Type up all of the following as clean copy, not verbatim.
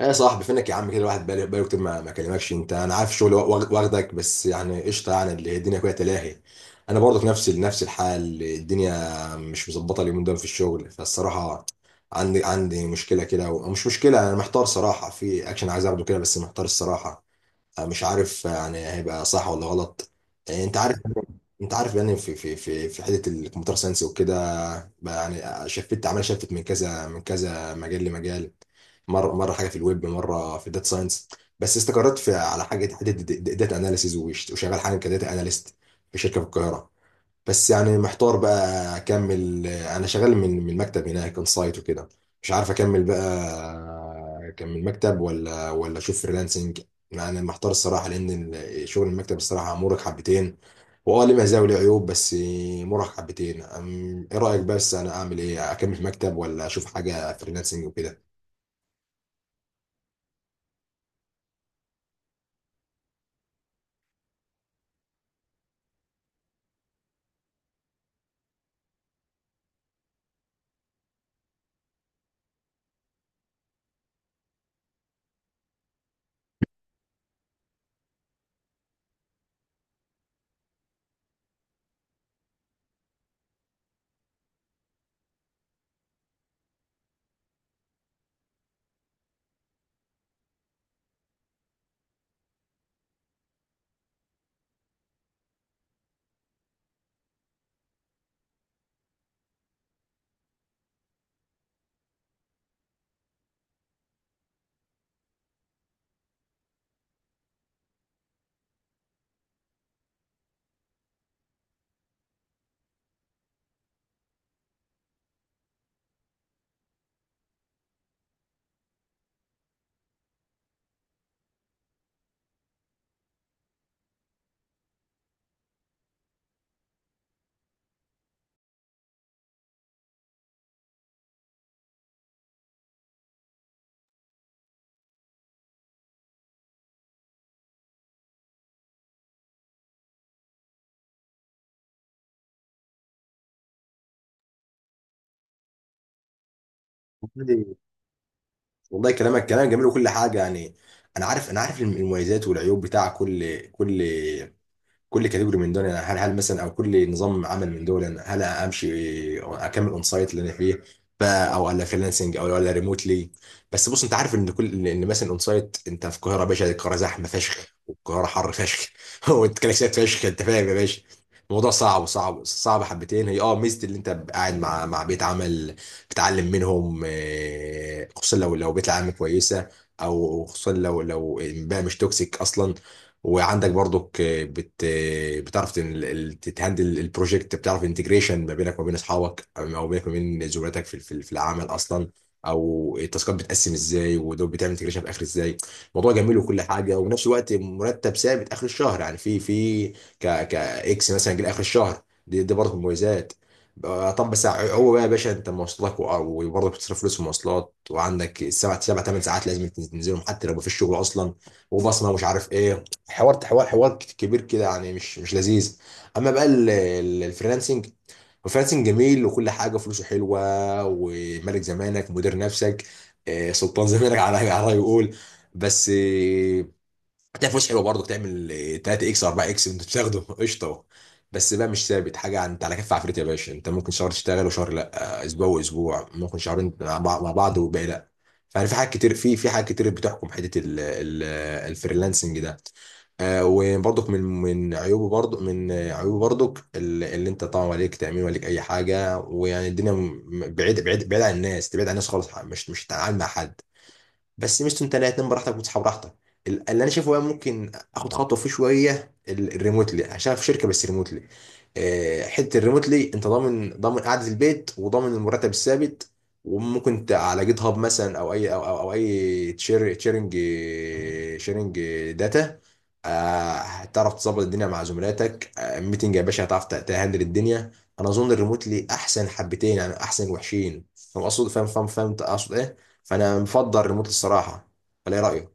ايه يا صاحبي؟ فينك يا عم؟ كده الواحد بقاله كتير ما كلمكش انت. انا عارف الشغل واخدك، بس يعني قشطه، يعني اللي الدنيا كلها تلاهي. انا برضه في نفس الحال، الدنيا مش مظبطه اليومين دول في الشغل فالصراحه. عندي مشكله كده مش مشكله، انا محتار صراحه في اكشن عايز اخده كده، بس محتار الصراحه. مش عارف يعني هيبقى صح ولا غلط. انت عارف انت عارف يعني في حته الكمبيوتر ساينس وكده. بقى يعني شفت، عمال شفت من كذا من كذا مجال لمجال. مره، مره حاجه في الويب، مره في الداتا ساينس. بس استقريت في على حاجه حته داتا اناليسيز، وشغال حاجه كداتا اناليست في شركه في القاهره. بس يعني محتار بقى، اكمل؟ انا شغال من المكتب هناك اون سايت وكده. مش عارف اكمل بقى، اكمل مكتب ولا اشوف فريلانسنج. يعني محتار الصراحه، لان شغل المكتب الصراحه مرهق حبتين. واه، ليه مزايا وليه عيوب، بس مرهق حبتين. ايه رايك؟ بس انا اعمل ايه؟ اكمل في مكتب ولا اشوف حاجه فريلانسنج وكده؟ والله، والله كلامك كلام جميل وكل حاجه يعني. انا عارف المميزات والعيوب بتاع كل كاتيجوري من دول يعني. هل مثلا، او كل نظام عمل من دول يعني، هل امشي اكمل اون سايت اللي انا فيه بقى، او ولا فريلانسنج او ولا ريموتلي؟ بس بص، انت عارف ان كل ان مثلا اون سايت، انت في القاهره يا باشا، القاهره زحمه فشخ والقاهره حر فشخ. والكلاكسات فشخ، انت فاهم يا باشا. الموضوع صعب صعب صعب حبتين. هي اه ميزه اللي انت قاعد مع بيت عمل، بتتعلم منهم، آه، خصوصا لو بيت العمل كويسه، او خصوصا لو، بقى مش توكسيك اصلا. وعندك برضك، بتعرف تتهندل البروجكت، بتعرف انتجريشن ما بينك وما بين اصحابك، او بينك وما بين زملاتك في العمل اصلا، او التاسكات بتقسم ازاي، ودول بتعمل انتجريشن في اخر ازاي. الموضوع جميل وكل حاجه، وفي نفس الوقت مرتب ثابت اخر الشهر يعني، في ك اكس مثلا جه اخر الشهر. دي برضه مميزات. آه، طب بس هو بقى يا باشا، انت مواصلاتك وبرضه بتصرف فلوس في مواصلات، وعندك السبع ثمان ساعات لازم تنزلهم، حتى لو مفيش شغل اصلا، وبصمه ومش عارف ايه. حوار حوار حوار كبير كده يعني، مش لذيذ. اما بقى الفريلانسنج، الفريلانسنج جميل وكل حاجه، فلوسه حلوه، وملك زمانك، مدير نفسك، آه، سلطان زمانك، على يقول. بس هتلاقي فلوس حلوه برضه، تعمل 3 اكس 4 اكس وانت بتاخده قشطه. بس بقى مش ثابت حاجه، انت على كف عفريت يا باشا، انت ممكن شهر تشتغل وشهر لا، اسبوع واسبوع، ممكن شهرين مع بعض، مع بعض والباقي لا. فيعني في حاجات كتير، في حاجات كتير بتحكم حته الفريلانسنج ده. آه، وبرضك من عيوبه، برضه من آه، عيوبه برضك اللي انت طبعا عليك تامين، عليك اي حاجه، ويعني الدنيا، بعيد بعيد بعيد عن الناس، تبعد عن الناس خالص، مش هتتعامل مع حد. بس ميزته، انت لا، تنام براحتك وتصحى براحتك. اللي انا شايفه بقى، ممكن اخد خطوه فيه شويه الريموتلي، عشان في شركه بس ريموتلي. آه، حته الريموتلي، انت ضامن ضامن قعده البيت، وضامن المرتب الثابت. وممكن انت على جيت هاب مثلا، او اي تشيرنج، شيرنج داتا. آه، هتعرف تظبط الدنيا مع زملاتك، آه، ميتنج يا باشا، هتعرف تهندل الدنيا. انا اظن الريموتلي احسن حبتين يعني، احسن وحشين. فاهم اقصد، فاهم فاهم فاهم أنت اقصد ايه. فانا مفضل ريموت الصراحه، ولا ايه رايك؟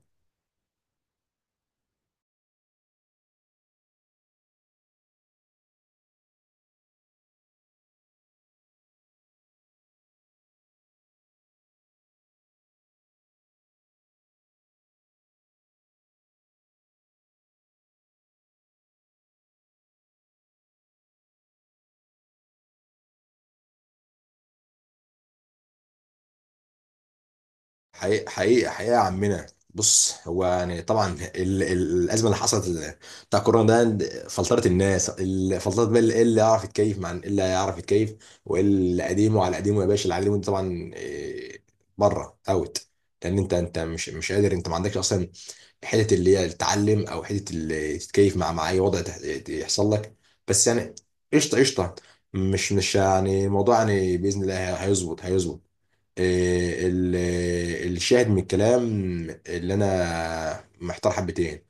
حقيقة حقيقة حقيقة يا عمنا. بص، هو يعني طبعا، ال ال الأزمة اللي حصلت، بتاع كورونا ده فلترت الناس، فلترت بقى اللي يعرف يتكيف مع اللي يعرف يتكيف. واللي قديمه على قديمه يا باشا، اللي على قديمه ده طبعا بره، اوت. لأن أنت مش قادر، أنت ما عندكش أصلا حتة اللي هي تتعلم، أو حتة اللي تتكيف مع أي وضع يحصل لك. بس يعني قشطة قشطة. مش يعني الموضوع، يعني بإذن الله هيظبط هيظبط. إيه ال- الشاهد من الكلام، اللي انا محتار حبتين.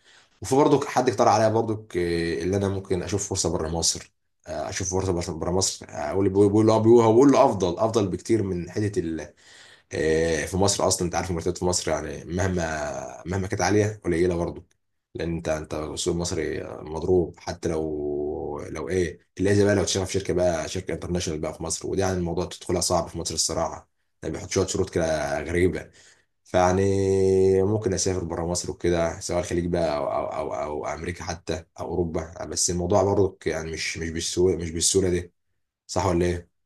وفي برضك حد اقترح عليا برضك، اللي انا ممكن اشوف فرصه بره مصر. آه، اشوف فرصه بره مصر، آه، اقول، بيقول له، بيقول هو بيقول له افضل افضل بكتير من حته، آه، في مصر اصلا. انت عارف المرتبات في مصر يعني، مهما مهما كانت عاليه قليله برضه، لان انت السوق المصري مضروب. حتى لو ايه اللي زي بقى، لو تشتغل في شركه بقى، شركه انترناشونال بقى في مصر، وده يعني الموضوع تدخلها صعب في مصر الصراحه، يعني بيحط شويه شروط كده غريبه. فيعني ممكن اسافر بره مصر وكده، سواء الخليج بقى، او امريكا حتى، او اوروبا، بس الموضوع برضه يعني مش بالسهوله، مش بالسهوله دي. صح ولا ايه؟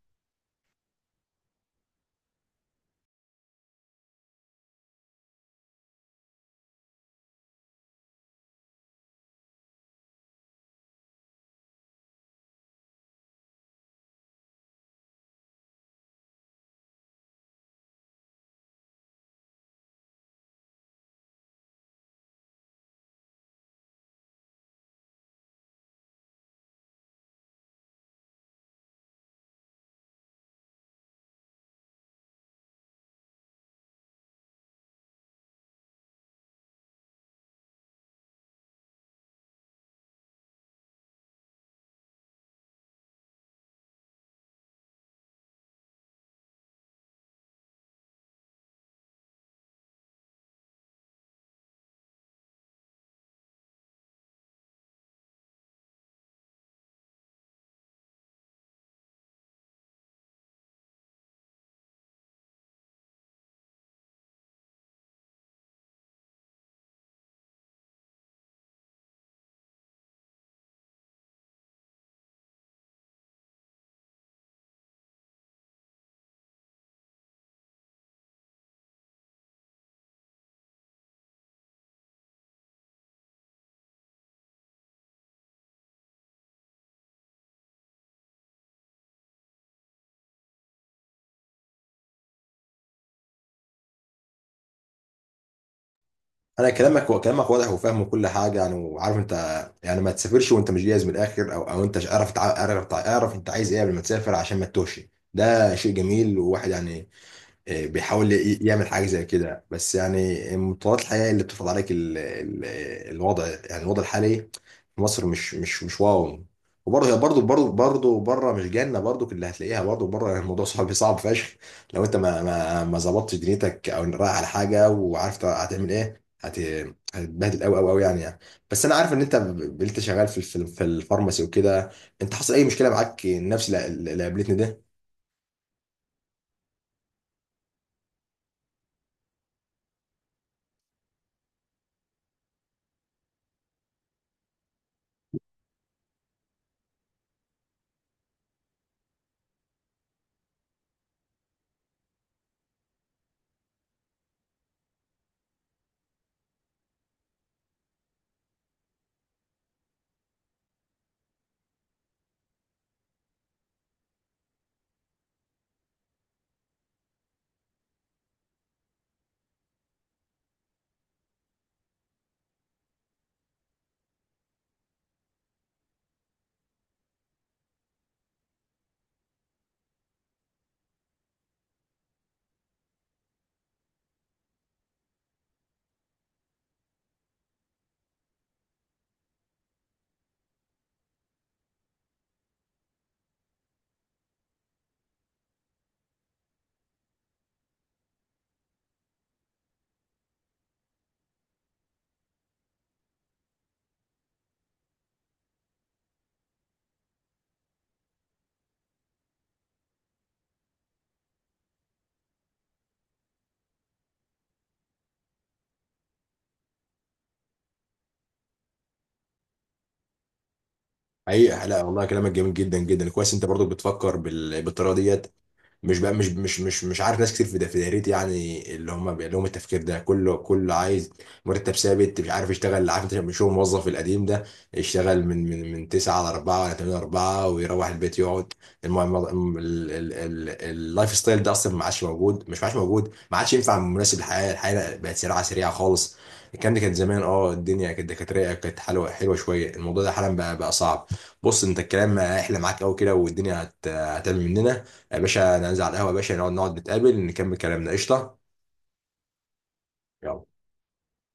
انا كلامك واضح، وفاهم كل حاجه يعني، وعارف انت يعني ما تسافرش وانت مش جاهز من الاخر. او انت مش- اعرف تع- اعرف تع- اعرف انت عايز ايه قبل ما تسافر، عشان ما تتوهش. ده شيء جميل، وواحد يعني بيحاول يعمل حاجة زي كده، بس يعني متطلبات الحياة اللي بتفرض عليك، ال ال الوضع يعني، الوضع الحالي في مصر مش واو. وبرضه هي برضه بره مش جنة، برضه اللي هتلاقيها برضه بره. يعني الموضوع صعب صعب فشخ، لو انت ما ظبطتش دنيتك، او رايح على حاجة وعارف هتعمل ايه. هتتبهدل قوي قوي قوي يعني بس انا عارف ان انت، شغال في في الفارماسي وكده. انت حصل اي مشكلة معاك نفس اللي قابلتني ده؟ حقيقة لا والله، كلامك جميل جدا جدا، كويس انت برضو بتفكر بالطريقة ديت. مش بقى مش مش مش مش عارف، ناس كتير في في دايرتي يعني اللي هم بيبقى لهم التفكير ده، كله كله عايز مرتب ثابت، مش عارف يشتغل، عارف انت، مش هو الموظف القديم ده يشتغل من 9 على 4 ولا 8 على 4 ويروح البيت يقعد. المهم اللايف ستايل ده اصلا ما عادش موجود، ما عادش ينفع مناسب للحياه. الحياه بقت سريعه سريعه خالص. كانت زمان، الدنيا كانت دكاتره، كانت حلوه حلوه شويه، الموضوع ده حالا بقى صعب. بص انت، الكلام احلى معاك قوي كده، والدنيا هتعمل مننا يا باشا. ننزل على القهوة يا باشا، نقعد نقعد نتقابل، نكمل كلامنا قشطة. يلا.